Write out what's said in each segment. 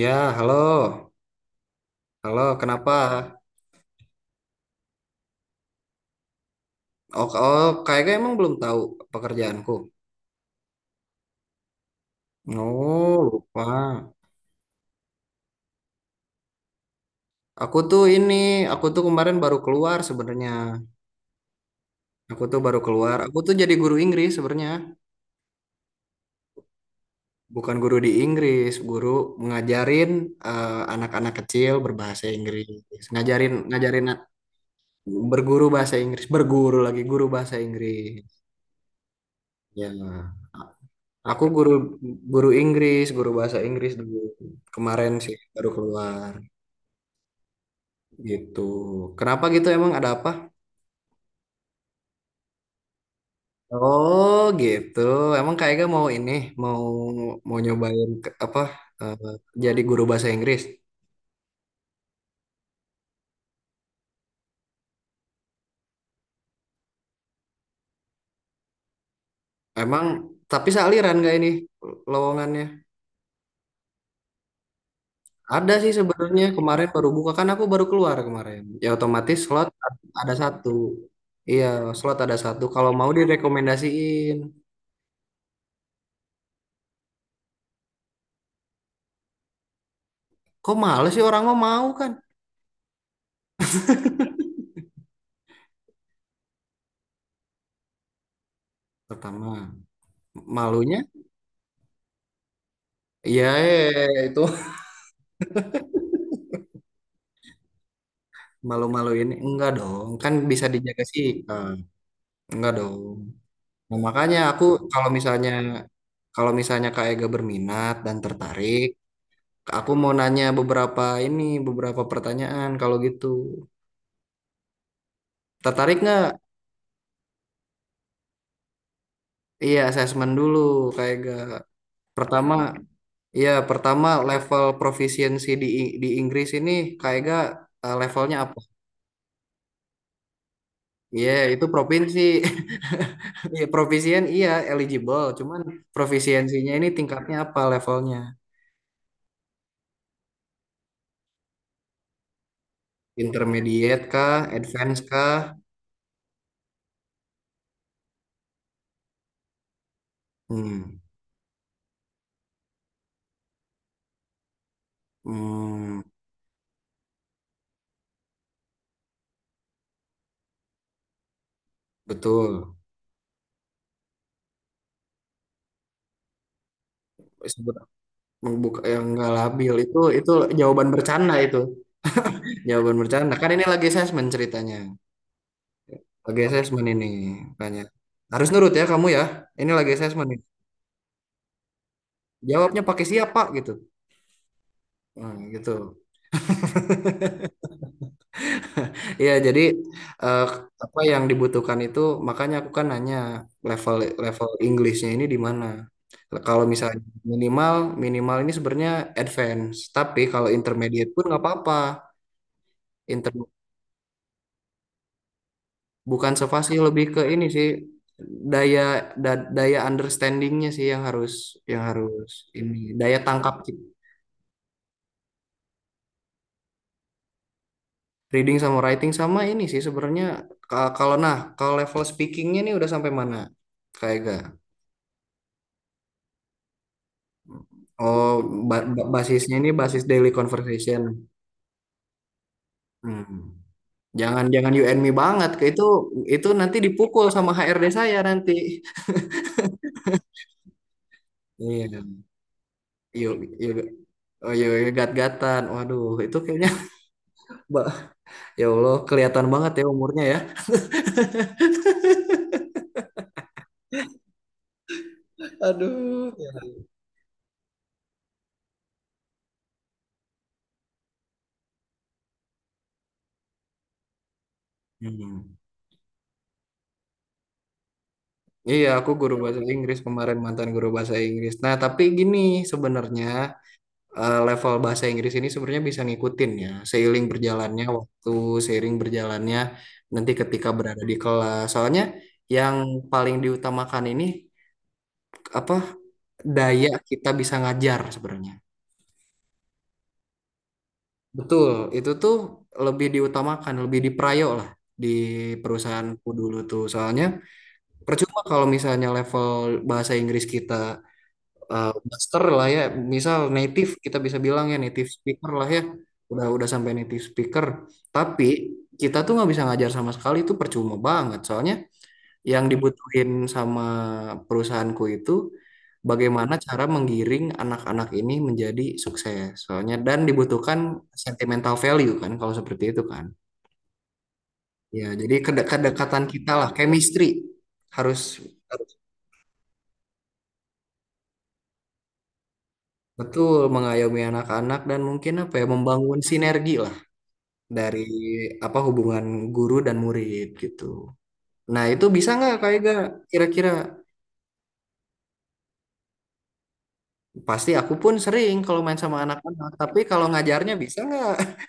Ya, halo. Halo, kenapa? Oh, kayaknya emang belum tahu pekerjaanku. Oh, lupa. Aku tuh ini, aku tuh kemarin baru keluar sebenarnya. Aku tuh baru keluar. Aku tuh jadi guru Inggris sebenarnya. Bukan guru di Inggris, guru ngajarin anak-anak kecil berbahasa Inggris. Ngajarin ngajarin berguru bahasa Inggris, berguru lagi guru bahasa Inggris. Ya. Aku guru guru Inggris, guru bahasa Inggris dulu. Kemarin sih baru keluar gitu. Kenapa gitu emang ada apa? Oh, gitu. Emang kayaknya mau mau nyobain eh, jadi guru bahasa Inggris. Emang tapi sealiran gak ini lowongannya? Ada sih sebenarnya kemarin baru buka kan aku baru keluar kemarin. Ya otomatis slot ada satu. Iya, slot ada satu. Kalau mau direkomendasiin. Kok males sih orang mau mau kan? Pertama. Malunya? Iya, iya, iya, iya, iya, itu malu-maluin. Enggak dong, kan bisa dijaga sih. Nah, enggak dong. Nah, makanya aku kalau misalnya kalau misalnya Kak Ega berminat dan tertarik, aku mau nanya beberapa pertanyaan kalau gitu. Tertarik nggak? Iya, assessment dulu Kak Ega. Pertama, iya level proficiency di Inggris ini Kak Ega, levelnya apa? Iya, itu provinsi. Ya, provisien iya eligible, cuman provisiensinya ini tingkatnya apa levelnya? Intermediate kah, advance kah? Hmm. Hmm, betul. Sebut buka yang nggak labil itu jawaban bercanda itu. Jawaban bercanda. Kan ini lagi assessment ceritanya. Lagi assessment ini banyak. Harus nurut ya kamu ya. Ini lagi assessment nih. Jawabnya pakai siapa gitu. Hmm, gitu. Iya, jadi eh, apa yang dibutuhkan itu makanya aku kan nanya level level Inggrisnya ini di mana. Kalau misalnya minimal minimal ini sebenarnya advance, tapi kalau intermediate pun nggak apa-apa. Inter bukan sevasi, lebih ke ini sih, daya daya understandingnya sih yang harus, yang harus daya tangkap reading sama writing sama ini sih sebenarnya. Nah, kalau level speakingnya ini udah sampai mana? Kayak Ega? Oh, basisnya ini basis daily conversation. Hmm. Jangan jangan you and me banget, ke itu nanti dipukul sama HRD saya nanti. Iya, you you oh you, you gat-gatan. Waduh, itu kayaknya Mbak, ya Allah kelihatan banget ya umurnya ya. Aduh. Hmm. Iya, aku guru bahasa Inggris kemarin, mantan guru bahasa Inggris. Nah, tapi gini sebenarnya, level bahasa Inggris ini sebenarnya bisa ngikutin ya, seiring berjalannya waktu, seiring berjalannya nanti ketika berada di kelas. Soalnya yang paling diutamakan ini apa, daya kita bisa ngajar sebenarnya. Betul, itu tuh lebih diutamakan, lebih diprayo lah di perusahaanku dulu tuh. Soalnya percuma kalau misalnya level bahasa Inggris kita, master lah ya, misal native, kita bisa bilang ya native speaker lah ya, udah sampai native speaker. Tapi kita tuh nggak bisa ngajar sama sekali, itu percuma banget. Soalnya yang dibutuhin sama perusahaanku itu bagaimana cara menggiring anak-anak ini menjadi sukses. Soalnya dan dibutuhkan sentimental value kan kalau seperti itu kan. Ya, jadi kedekatan kita lah, chemistry harus, harus betul mengayomi anak-anak dan mungkin apa ya membangun sinergi lah, dari apa hubungan guru dan murid gitu. Nah, itu bisa nggak kayak gak kira-kira? Pasti aku pun sering kalau main sama anak-anak, tapi kalau ngajarnya bisa nggak?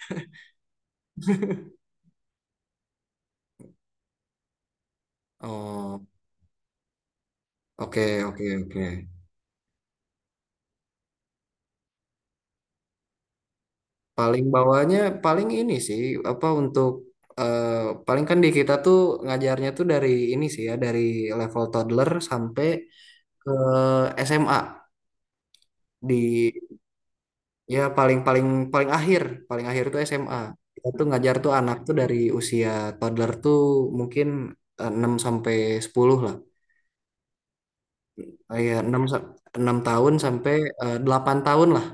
Oh, oke, oke, oke. Paling bawahnya paling ini sih, apa, untuk, eh, paling kan di kita tuh ngajarnya tuh dari ini sih ya, dari level toddler sampai ke SMA di Ya paling paling paling akhir, paling akhir tuh SMA. Kita tuh ngajar tuh anak tuh dari usia toddler tuh mungkin, 6 sampai 10 lah. Ya 6 tahun sampai, 8 tahun lah.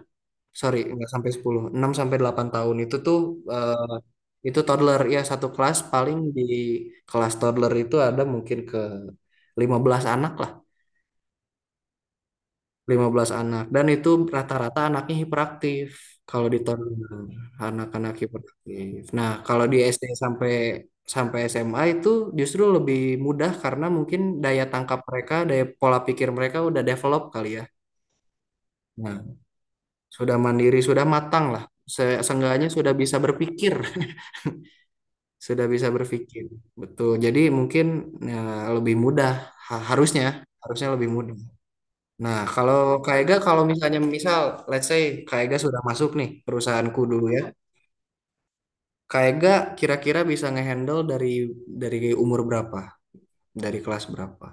Sorry, nggak sampai sepuluh, 6 sampai 8 tahun itu tuh, eh, itu toddler ya, satu kelas paling di kelas toddler itu ada mungkin ke 15 anak lah. Lima belas anak dan itu rata-rata anaknya hiperaktif, kalau di tahun anak-anak hiperaktif. Nah, kalau di SD sampai sampai SMA itu justru lebih mudah karena mungkin daya tangkap mereka, daya pola pikir mereka udah develop kali ya. Nah, sudah mandiri, sudah matang lah. Seenggaknya sudah bisa berpikir, sudah bisa berpikir. Betul. Jadi mungkin ya, lebih mudah, harusnya, harusnya lebih mudah. Nah, kalau Kak Ega, kalau misalnya, let's say Kak Ega sudah masuk nih perusahaanku dulu ya. Kak Ega kira-kira bisa ngehandle dari, dari umur berapa? Dari kelas berapa?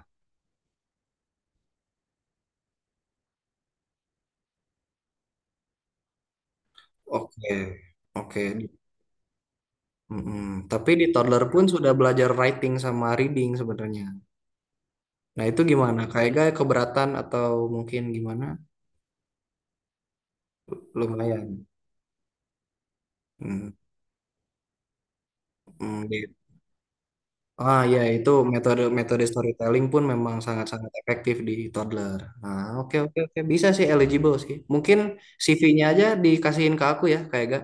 Oke, oke. Mm-mm. Tapi di toddler pun sudah belajar writing sama reading sebenarnya. Nah, itu gimana? Kak Ega keberatan atau mungkin gimana? Lumayan. Mm, mm, di Ah ya, itu metode, storytelling pun memang sangat-sangat efektif di toddler. Ah, oke, oke, oke, bisa sih, eligible sih. Mungkin CV-nya aja dikasihin ke aku ya kayak gak,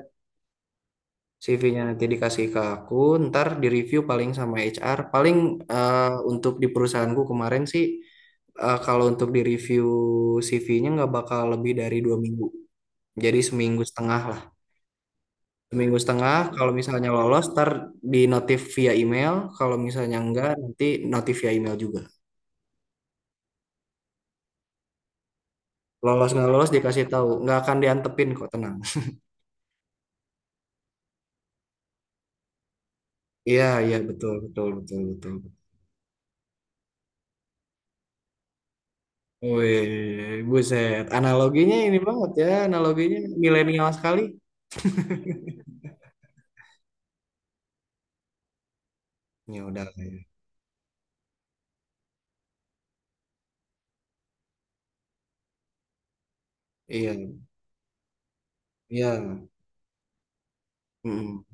CV-nya nanti dikasih ke aku, ntar di review paling sama HR. Paling, eh, untuk di perusahaanku kemarin sih, kalau untuk di review CV-nya nggak bakal lebih dari 2 minggu. Jadi seminggu setengah lah. Seminggu setengah kalau misalnya lolos ntar di notif via email. Kalau misalnya enggak nanti notif via email juga. Lolos nggak lolos dikasih tahu, nggak akan diantepin kok, tenang. Iya, iya, betul, betul, betul, betul. Wih, buset. Analoginya ini banget ya, analoginya milenial sekali. Ya udah kayak. Iya, iya. Mm-mm.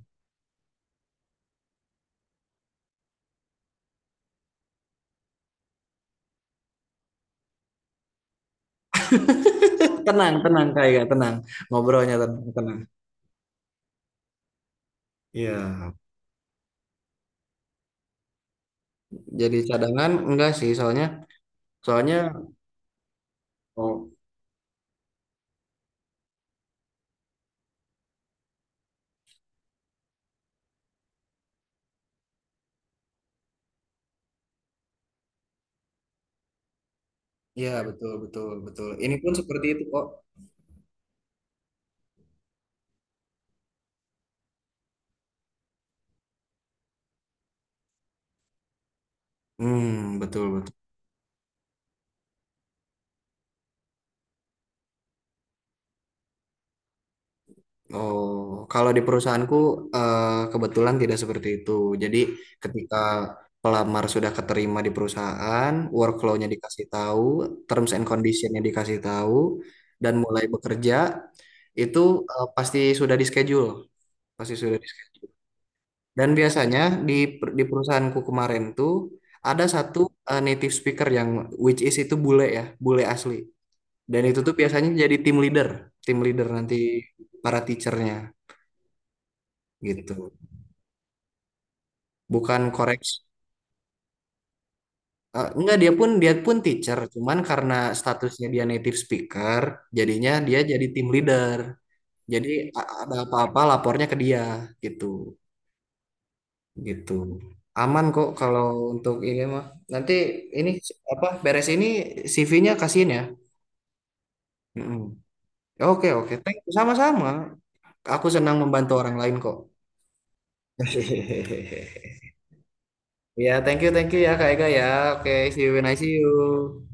Tenang, tenang, kayak tenang. Ngobrolnya tenang, tenang. Iya. Jadi cadangan enggak sih, soalnya, soalnya oh iya, betul, betul, betul. Ini pun seperti itu kok. Hmm, betul, betul. Oh, kalau di perusahaanku, eh, kebetulan tidak seperti itu. Jadi ketika pelamar sudah keterima di perusahaan, workflow-nya dikasih tahu, terms and condition-nya dikasih tahu, dan mulai bekerja itu, pasti sudah di schedule, pasti sudah di schedule. Dan biasanya di perusahaanku kemarin tuh ada satu, native speaker yang, which is, itu bule ya, bule asli. Dan itu tuh biasanya jadi team leader nanti para teachernya gitu. Bukan koreksi. Eh, enggak, dia pun teacher cuman karena statusnya dia native speaker jadinya dia jadi team leader, jadi ada apa-apa lapornya ke dia, gitu, gitu, aman kok kalau untuk ini mah. Nanti ini apa, beres ini CV-nya kasihin ya. Mm-mm. Oke, oke, thank you, sama-sama, aku senang membantu orang lain kok. Ya, thank you, ya Kak Ega ya. Oke, see you when I see you.